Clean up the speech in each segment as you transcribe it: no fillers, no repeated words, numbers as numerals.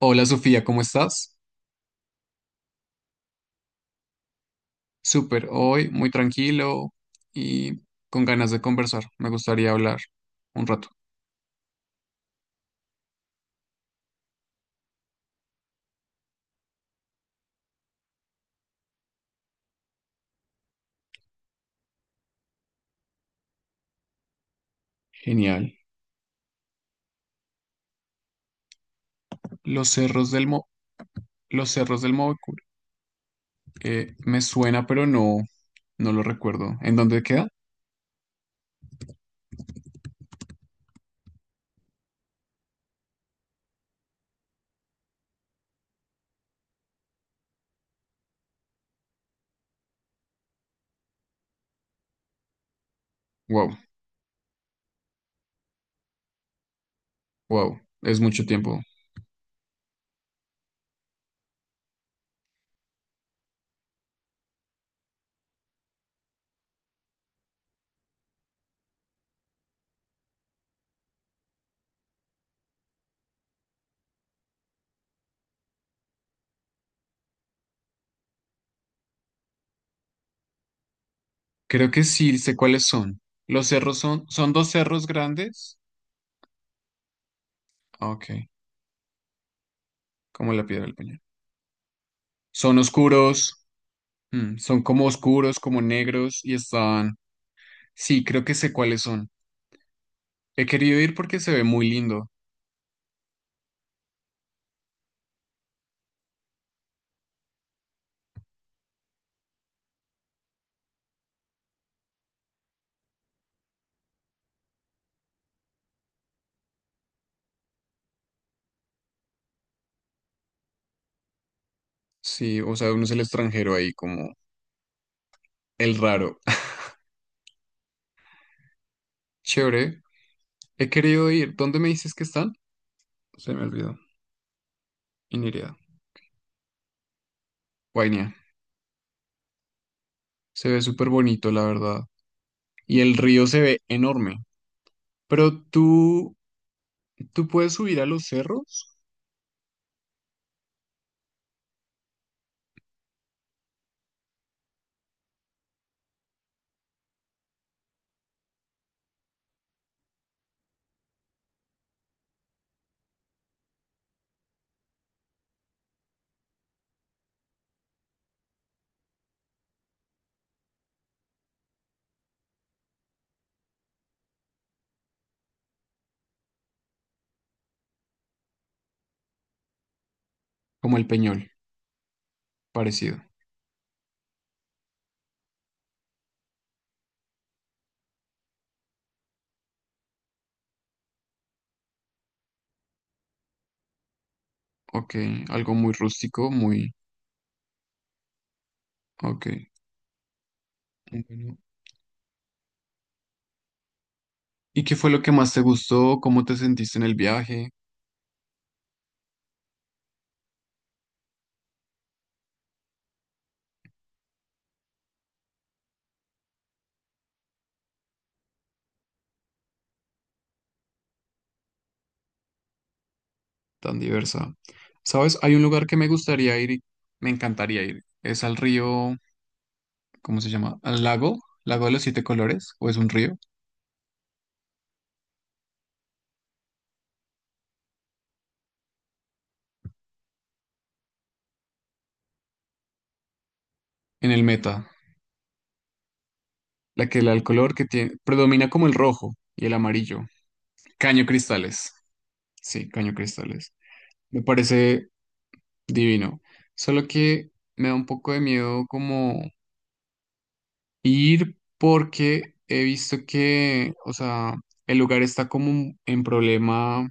Hola Sofía, ¿cómo estás? Súper, hoy muy tranquilo y con ganas de conversar. Me gustaría hablar un rato. Genial. Los cerros del Mo- los cerros del Mocour. Me suena, pero no, no lo recuerdo. ¿En dónde queda? Wow, wow, es mucho tiempo. Creo que sí sé cuáles son. Los cerros son dos cerros grandes. Ah, Ok, como la piedra del peñón. Son oscuros, son como oscuros, como negros y están. Sí, creo que sé cuáles son. He querido ir porque se ve muy lindo. Sí, o sea, uno es el extranjero ahí, como el raro. Chévere. He querido ir. ¿Dónde me dices que están? Se me olvidó. Inirida. Guainia. Se ve súper bonito, la verdad. Y el río se ve enorme. Pero tú puedes subir a los cerros, como el Peñol, parecido. Ok, algo muy rústico. Ok. Bueno. ¿Y qué fue lo que más te gustó? ¿Cómo te sentiste en el viaje? Tan diversa. ¿Sabes? Hay un lugar que me gustaría ir y me encantaría ir. Es al río, ¿cómo se llama? Al lago, Lago de los Siete Colores, o es un río, en el Meta, el color que tiene, predomina como el rojo y el amarillo. Caño Cristales, sí, Caño Cristales. Me parece divino. Solo que me da un poco de miedo como ir porque he visto que, o sea, el lugar está como en problema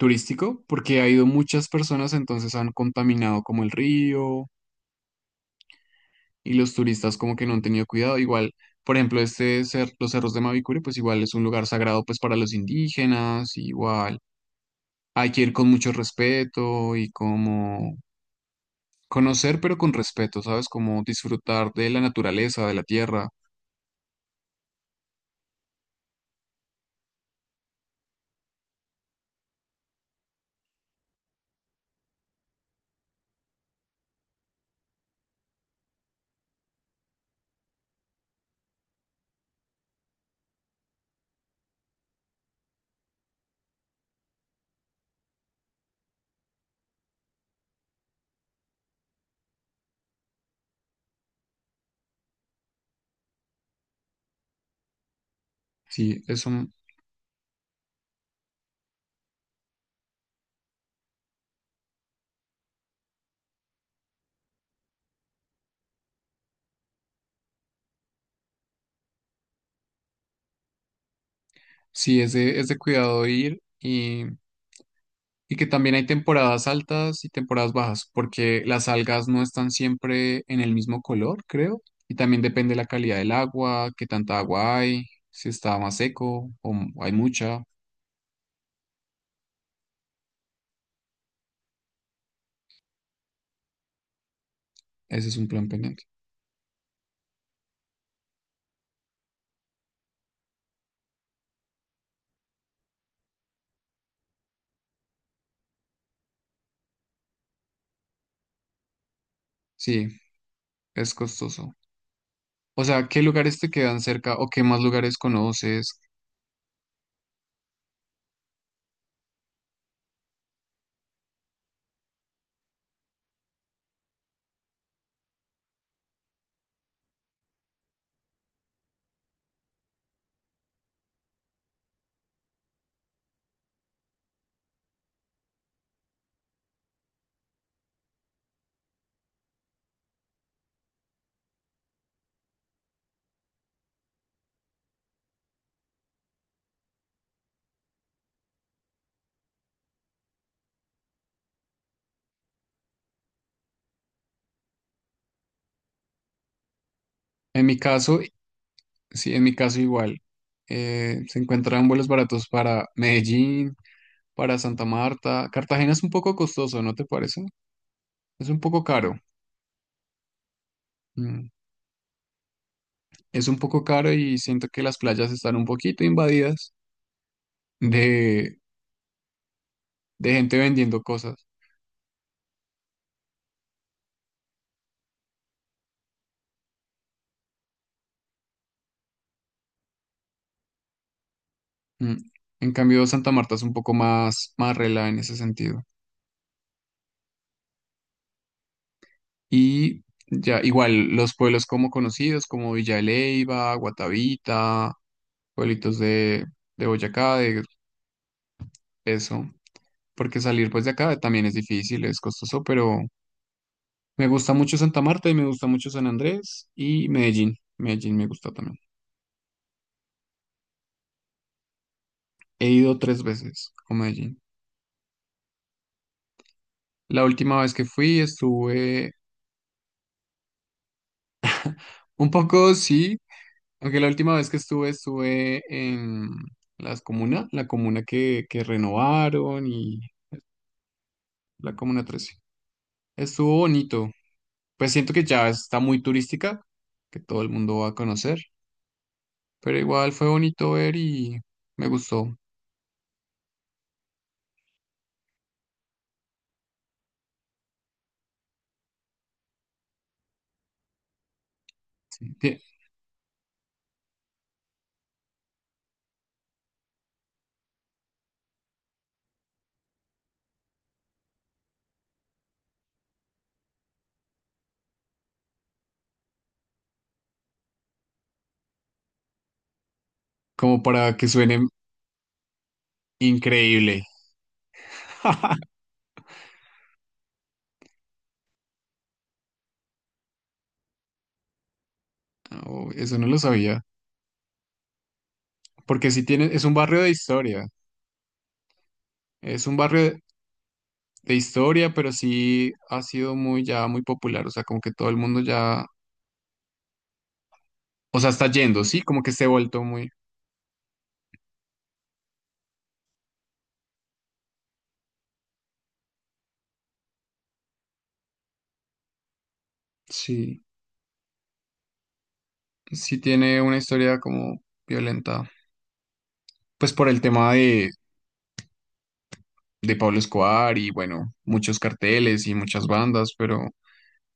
turístico porque ha ido muchas personas, entonces han contaminado como el río y los turistas como que no han tenido cuidado. Igual, por ejemplo, los cerros de Mavicure, pues igual es un lugar sagrado pues para los indígenas, igual hay que ir con mucho respeto y como conocer pero con respeto, ¿sabes? Como disfrutar de la naturaleza, de la tierra. Sí, sí, es de cuidado ir. Y que también hay temporadas altas y temporadas bajas, porque las algas no están siempre en el mismo color, creo. Y también depende la calidad del agua, qué tanta agua hay, si está más seco hay mucha. Ese es un plan pendiente. Sí, es costoso. O sea, ¿qué lugares te quedan cerca o qué más lugares conoces? En mi caso, sí, en mi caso igual. Se encuentran vuelos baratos para Medellín, para Santa Marta. Cartagena es un poco costoso, ¿no te parece? Es un poco caro. Mm. Es un poco caro y siento que las playas están un poquito invadidas de, de, gente vendiendo cosas. Mm. En cambio, Santa Marta es un poco más rela en ese sentido. Y ya, igual, los pueblos como conocidos, como Villa de Leyva, Guatavita, pueblitos de Boyacá, de eso. Porque salir pues de acá también es difícil, es costoso, pero me gusta mucho Santa Marta y me gusta mucho San Andrés y Medellín. Medellín me gusta también. He ido 3 veces a Medellín. La última vez que fui estuve un poco, sí, aunque la última vez que estuve en las comunas, la comuna que renovaron y la comuna 13. Estuvo bonito. Pues siento que ya está muy turística, que todo el mundo va a conocer, pero igual fue bonito ver y me gustó. Sí, como para que suene increíble. Oh, eso no lo sabía, porque sí tiene, es un barrio de historia, es un barrio de historia, pero sí ha sido muy, ya muy popular, o sea, como que todo el mundo ya, o sea, está yendo, sí, como que se ha vuelto muy, sí, sí tiene una historia como violenta, pues por el tema de, Pablo Escobar y bueno, muchos carteles y muchas bandas, pero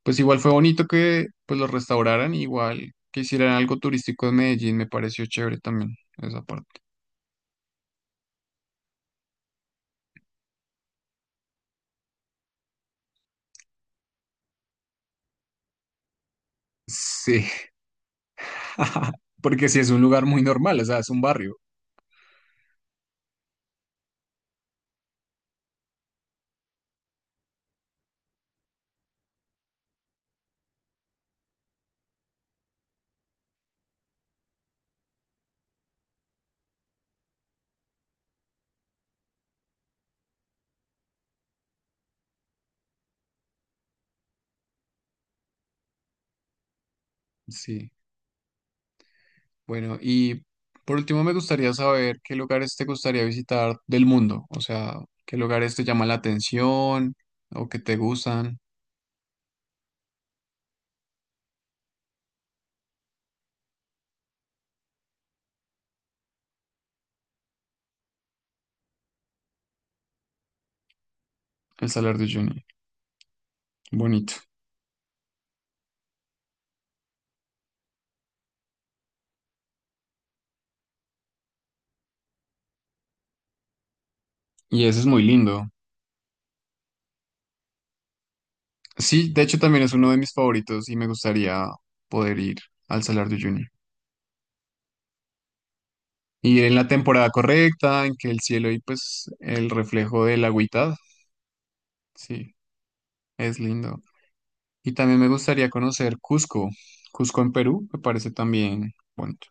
pues igual fue bonito que pues los restauraran, igual que hicieran algo turístico en Medellín, me pareció chévere también esa parte. Sí, porque sí es un lugar muy normal, o sea, es un barrio, sí. Bueno, y por último me gustaría saber qué lugares te gustaría visitar del mundo, o sea, qué lugares te llaman la atención o que te gustan. El Salar de Uyuni, bonito. Y ese es muy lindo. Sí, de hecho también es uno de mis favoritos y me gustaría poder ir al Salar de Uyuni. Y en la temporada correcta, en que el cielo y pues el reflejo del agüita, sí, es lindo. Y también me gustaría conocer Cusco, Cusco en Perú, me parece también bonito.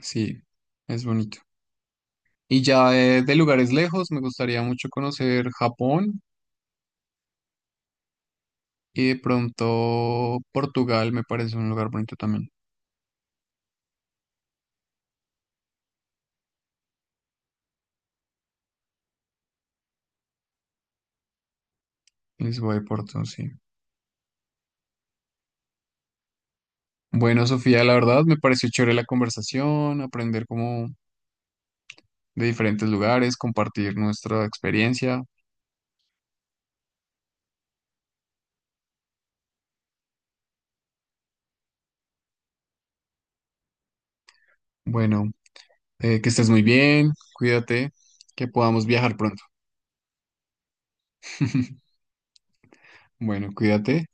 Sí, es bonito. Y ya de, lugares lejos, me gustaría mucho conocer Japón y de pronto Portugal, me parece un lugar bonito también. Lisboa y Porto, sí. Bueno, Sofía, la verdad me pareció chévere la conversación, aprender como de diferentes lugares, compartir nuestra experiencia. Bueno, que estés muy bien, cuídate, que podamos viajar pronto. Bueno, cuídate.